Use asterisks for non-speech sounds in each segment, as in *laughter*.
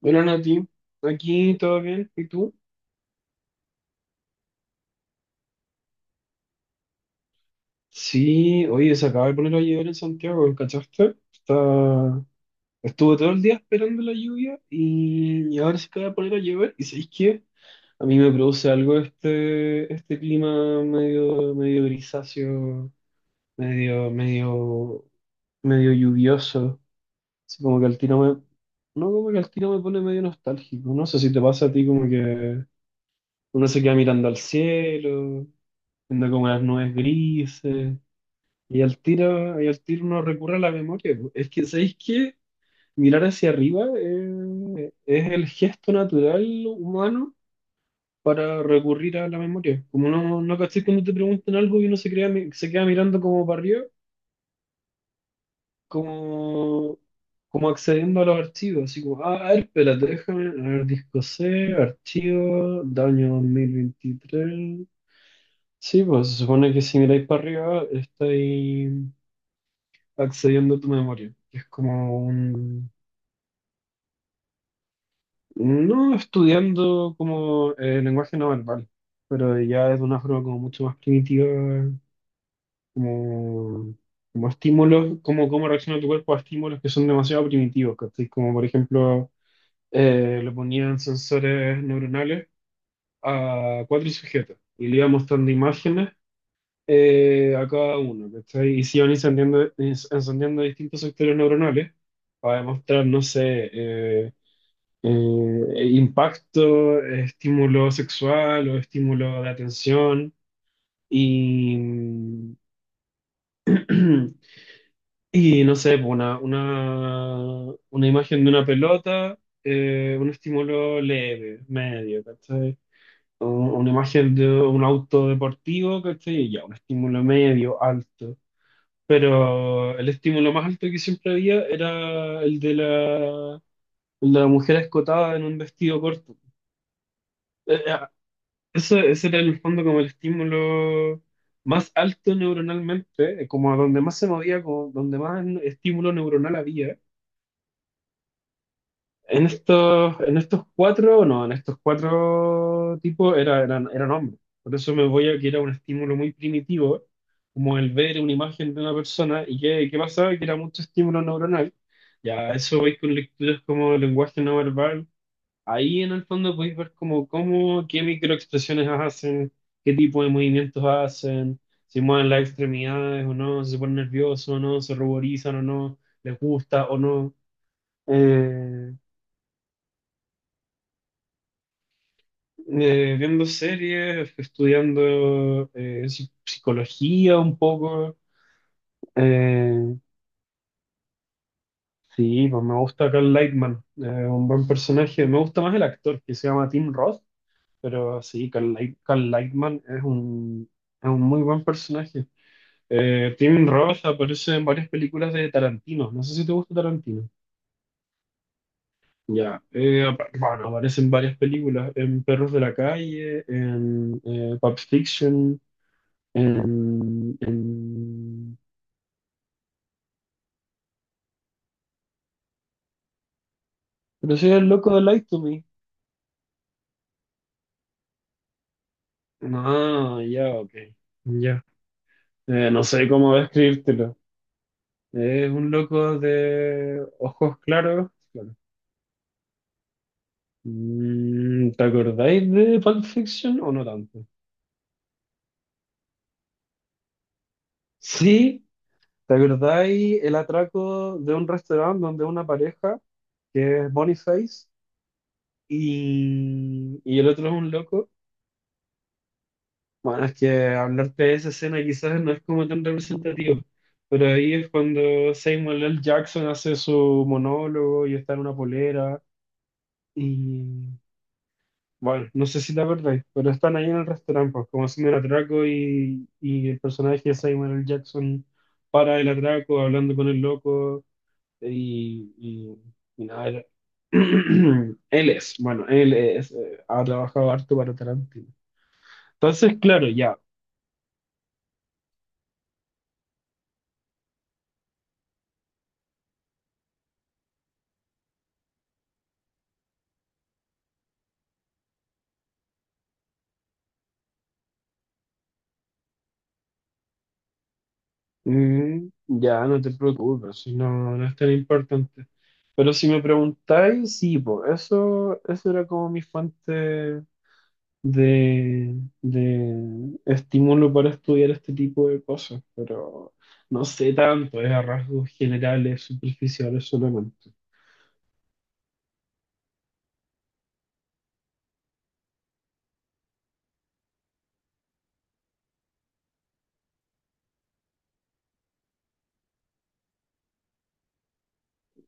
Bueno, Nati, aquí todo bien, ¿y tú? Sí, oye, se acaba de poner a llover en Santiago, ¿cachaste? Estuve todo el día esperando la lluvia y ahora se acaba de poner a llover. ¿Y sabéis qué? A mí me produce algo este clima medio grisáceo, medio, medio, medio lluvioso. Así como que al tiro me... No, como que al tiro me pone medio nostálgico. No sé si te pasa a ti como que uno se queda mirando al cielo, viendo como las nubes grises. Y al tiro uno recurre a la memoria, po. Es que, ¿sabéis qué? Mirar hacia arriba es el gesto natural humano para recurrir a la memoria. Como no caché cuando te preguntan algo y uno se crea, se queda mirando como para arriba, como, como accediendo a los archivos. Así como, ah, a ver, espérate, déjame, a ver, disco C, archivo, daño 2023. Sí, pues se supone que si miráis para arriba, estáis accediendo a tu memoria, que es como un, no estudiando como el lenguaje no verbal, pero ya es de una forma como mucho más primitiva, como, como, estímulos, como cómo reacciona tu cuerpo a estímulos que son demasiado primitivos, ¿cachai? Como por ejemplo, le ponían sensores neuronales a cuatro sujetos y le iban mostrando imágenes. A cada uno, ¿cachai? Y se iban encendiendo, distintos sectores neuronales para demostrar, no sé, impacto, estímulo sexual o estímulo de atención y, *clears throat* y no sé, pues una imagen de una pelota, un estímulo leve, medio, ¿cachai? O una imagen de un auto deportivo, ¿cachai? Ya, un estímulo medio, alto. Pero el estímulo más alto que siempre había era el de la mujer escotada en un vestido corto. Eh, Eso, ese era en el fondo como el estímulo más alto neuronalmente, como a donde más se movía, como donde más estímulo neuronal había. En estos cuatro, no, en estos cuatro tipos eran hombres. Por eso me voy a que era un estímulo muy primitivo, como el ver una imagen de una persona. ¿Y qué pasaba? Que era mucho estímulo neuronal. Ya, a eso voy con lecturas como lenguaje no verbal. Ahí en el fondo podéis ver como cómo, qué microexpresiones hacen, qué tipo de movimientos hacen, si mueven las extremidades o no, si se ponen nerviosos o no, se ruborizan o no, les gusta o no. Eh, Viendo series, estudiando psicología un poco. Eh, sí, pues me gusta Carl Lightman, un buen personaje. Me gusta más el actor que se llama Tim Roth, pero sí, Carl Lightman es un muy buen personaje. Tim Roth aparece en varias películas de Tarantino. No sé si te gusta Tarantino. Ya. Bueno, aparece en varias películas. En Perros de la Calle, en Pulp Fiction. en, en... Pero soy el loco de Light to Me. Ah, ya, ok. Ya. No sé cómo describírtelo. Es un loco de ojos claros. Claro. Mm, ¿te acordáis de Pulp Fiction o no tanto? Sí, ¿te acordáis el atraco de un restaurante donde una pareja, que es Boniface, y el otro es un loco? Bueno, es que hablarte de esa escena quizás no es como tan representativo, pero ahí es cuando Samuel L. Jackson hace su monólogo y está en una polera, y bueno, no sé si te acordáis, pero están ahí en el restaurante, pues, como haciendo el atraco y el personaje de Samuel L. Jackson para el atraco, hablando con el loco. y, y- y nada, *clears throat* él es, bueno, ha trabajado harto para Tarantino. Entonces, claro, ya, ya no te preocupes, si no, no es tan importante. Pero si me preguntáis, sí, po, eso era como mi fuente de, de estímulo para estudiar este tipo de cosas, pero no sé tanto, es a rasgos generales, superficiales solamente.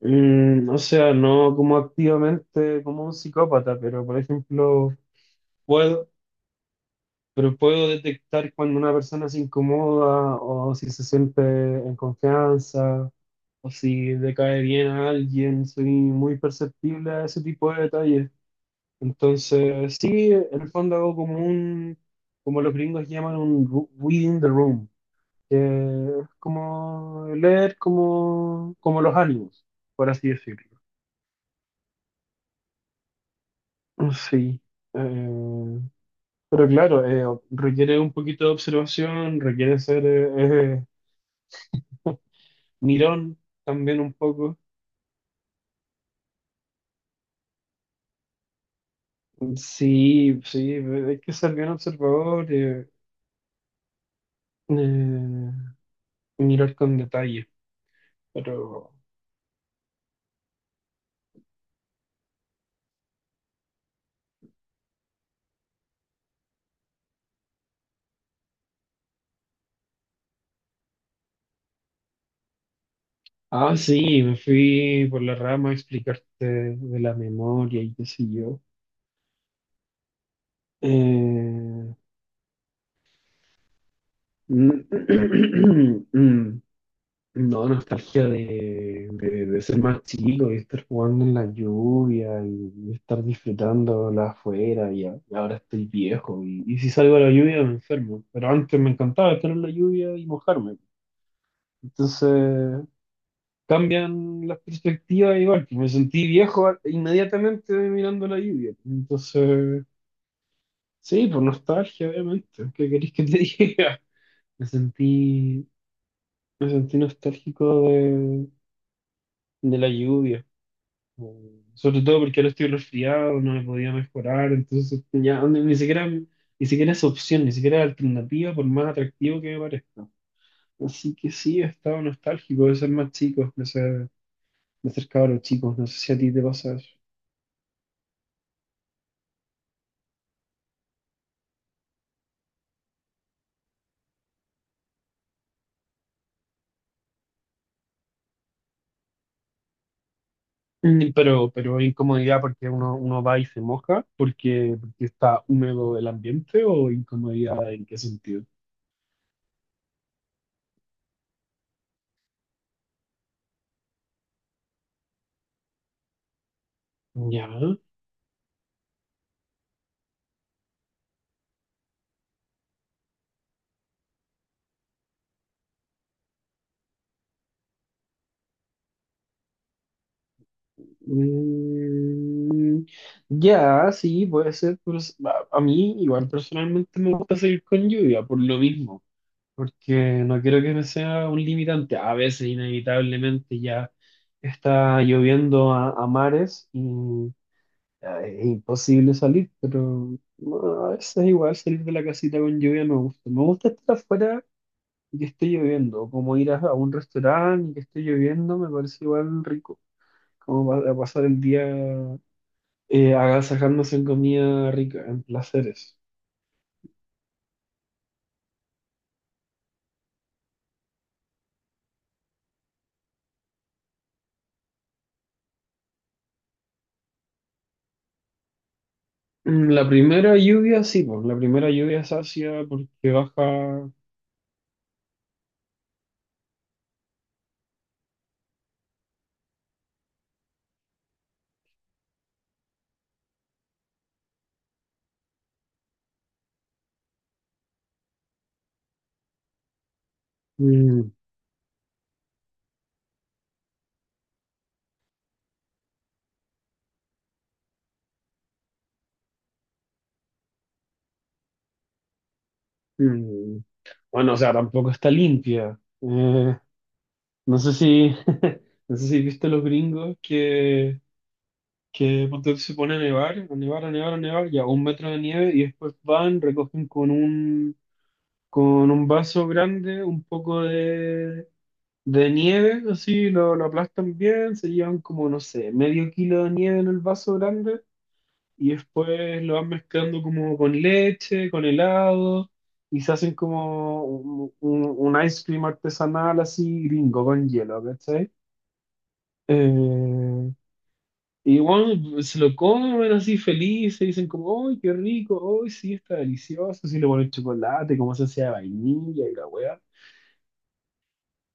Mm, o sea, no como activamente como un psicópata, pero por ejemplo, puedo, pero puedo detectar cuando una persona se incomoda o si se siente en confianza o si le cae bien a alguien. Soy muy perceptible a ese tipo de detalles. Entonces, sí, en el fondo hago como como los gringos llaman un reading the room, que es como leer como, como los ánimos, por así decirlo. Sí, eh, pero claro, requiere un poquito de observación, requiere ser mirón también un poco. Sí, sí, hay que ser bien observador, eh, mirar con detalle. Pero, ah, sí, me fui por la rama a explicarte de la memoria y qué sé yo. Eh, *clears throat* No, nostalgia de ser más chico y estar jugando en la lluvia y estar disfrutándola afuera y ahora estoy viejo y si salgo a la lluvia me enfermo. Pero antes me encantaba estar en la lluvia y mojarme. Entonces cambian las perspectivas igual, que me sentí viejo inmediatamente mirando la lluvia. Entonces, sí, por nostalgia, obviamente. ¿Qué querés que te *laughs* diga? Me sentí, me sentí nostálgico de la lluvia. Mm. Sobre todo porque ahora estoy resfriado, no me podía mejorar, entonces ya ni siquiera, ni siquiera es opción, ni siquiera es alternativa, por más atractivo que me parezca. Así que sí, he estado nostálgico de ser más chico, de ser cabros chicos, no sé si a ti te pasa eso. Mm, pero hay incomodidad porque uno va y se moja, porque está húmedo el ambiente o incomodidad en qué sentido. Ya. Mm, ya, sí, puede ser, pues. A mí igual personalmente me gusta seguir con lluvia por lo mismo, porque no quiero que me sea un limitante. A veces inevitablemente ya está lloviendo a mares y ya, es imposible salir, pero bueno, a veces igual salir de la casita con lluvia me gusta. Me gusta estar afuera y que esté lloviendo, como ir a un restaurante y que esté lloviendo, me parece igual rico, como a pasar el día agasajándose en comida rica, en placeres. Mm, la primera lluvia, sí, pues, la primera lluvia es ácida porque baja... mm, mm. Bueno, o sea, tampoco está limpia. No sé si, *laughs* no sé si viste los gringos que ponte tú, se pone a nevar, a nevar, a nevar, a nevar, ya un metro de nieve y después van, recogen con un vaso grande un poco de nieve, así lo aplastan bien, se llevan como, no sé, medio kilo de nieve en el vaso grande y después lo van mezclando como con leche, con helado y se hacen como un, un ice cream artesanal así gringo con hielo, ¿cachai? Eh, y bueno, se lo comen así felices, dicen como, ¡ay, qué rico! ¡Ay, sí, está delicioso! Sí, le ponen chocolate, como se hacía de vainilla y la weá.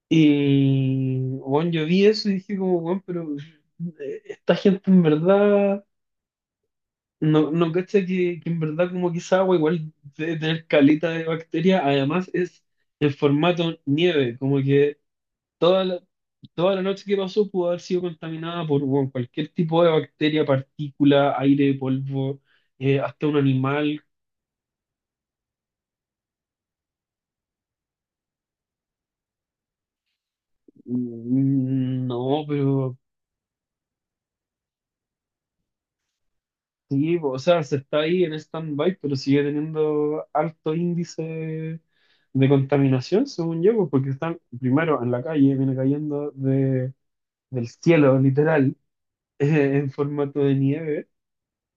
Y, bueno, yo vi eso y dije como, bueno, pero esta gente en verdad, no cacha que en verdad como que esa agua igual debe tener caleta de bacterias, además es en formato nieve, como que toda la, toda la noche que pasó pudo haber sido contaminada por, bueno, cualquier tipo de bacteria, partícula, aire, polvo, hasta un animal. Mm, no, pero sí, po, o sea, se está ahí en stand-by, pero sigue teniendo alto índice de contaminación, según yo, pues, porque están primero en la calle, viene cayendo del cielo, literal, *laughs* en formato de nieve.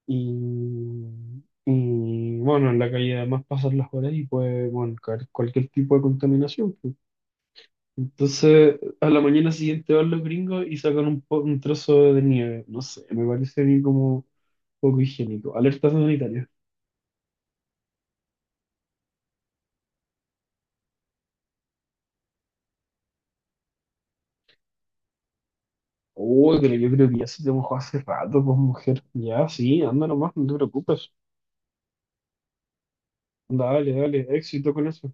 Y, y, bueno, en la calle además pasan las horas y puede, bueno, caer cualquier tipo de contaminación, pues. Entonces, a la mañana siguiente van los gringos y sacan un trozo de nieve. No sé, me parece a mí como poco higiénico. Alerta sanitaria. Uy, pero yo creo que ya se te mojó hace rato, pues mujer. Ya, sí, anda nomás, no te preocupes. Dale, dale, éxito con eso.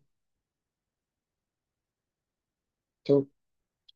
Chao.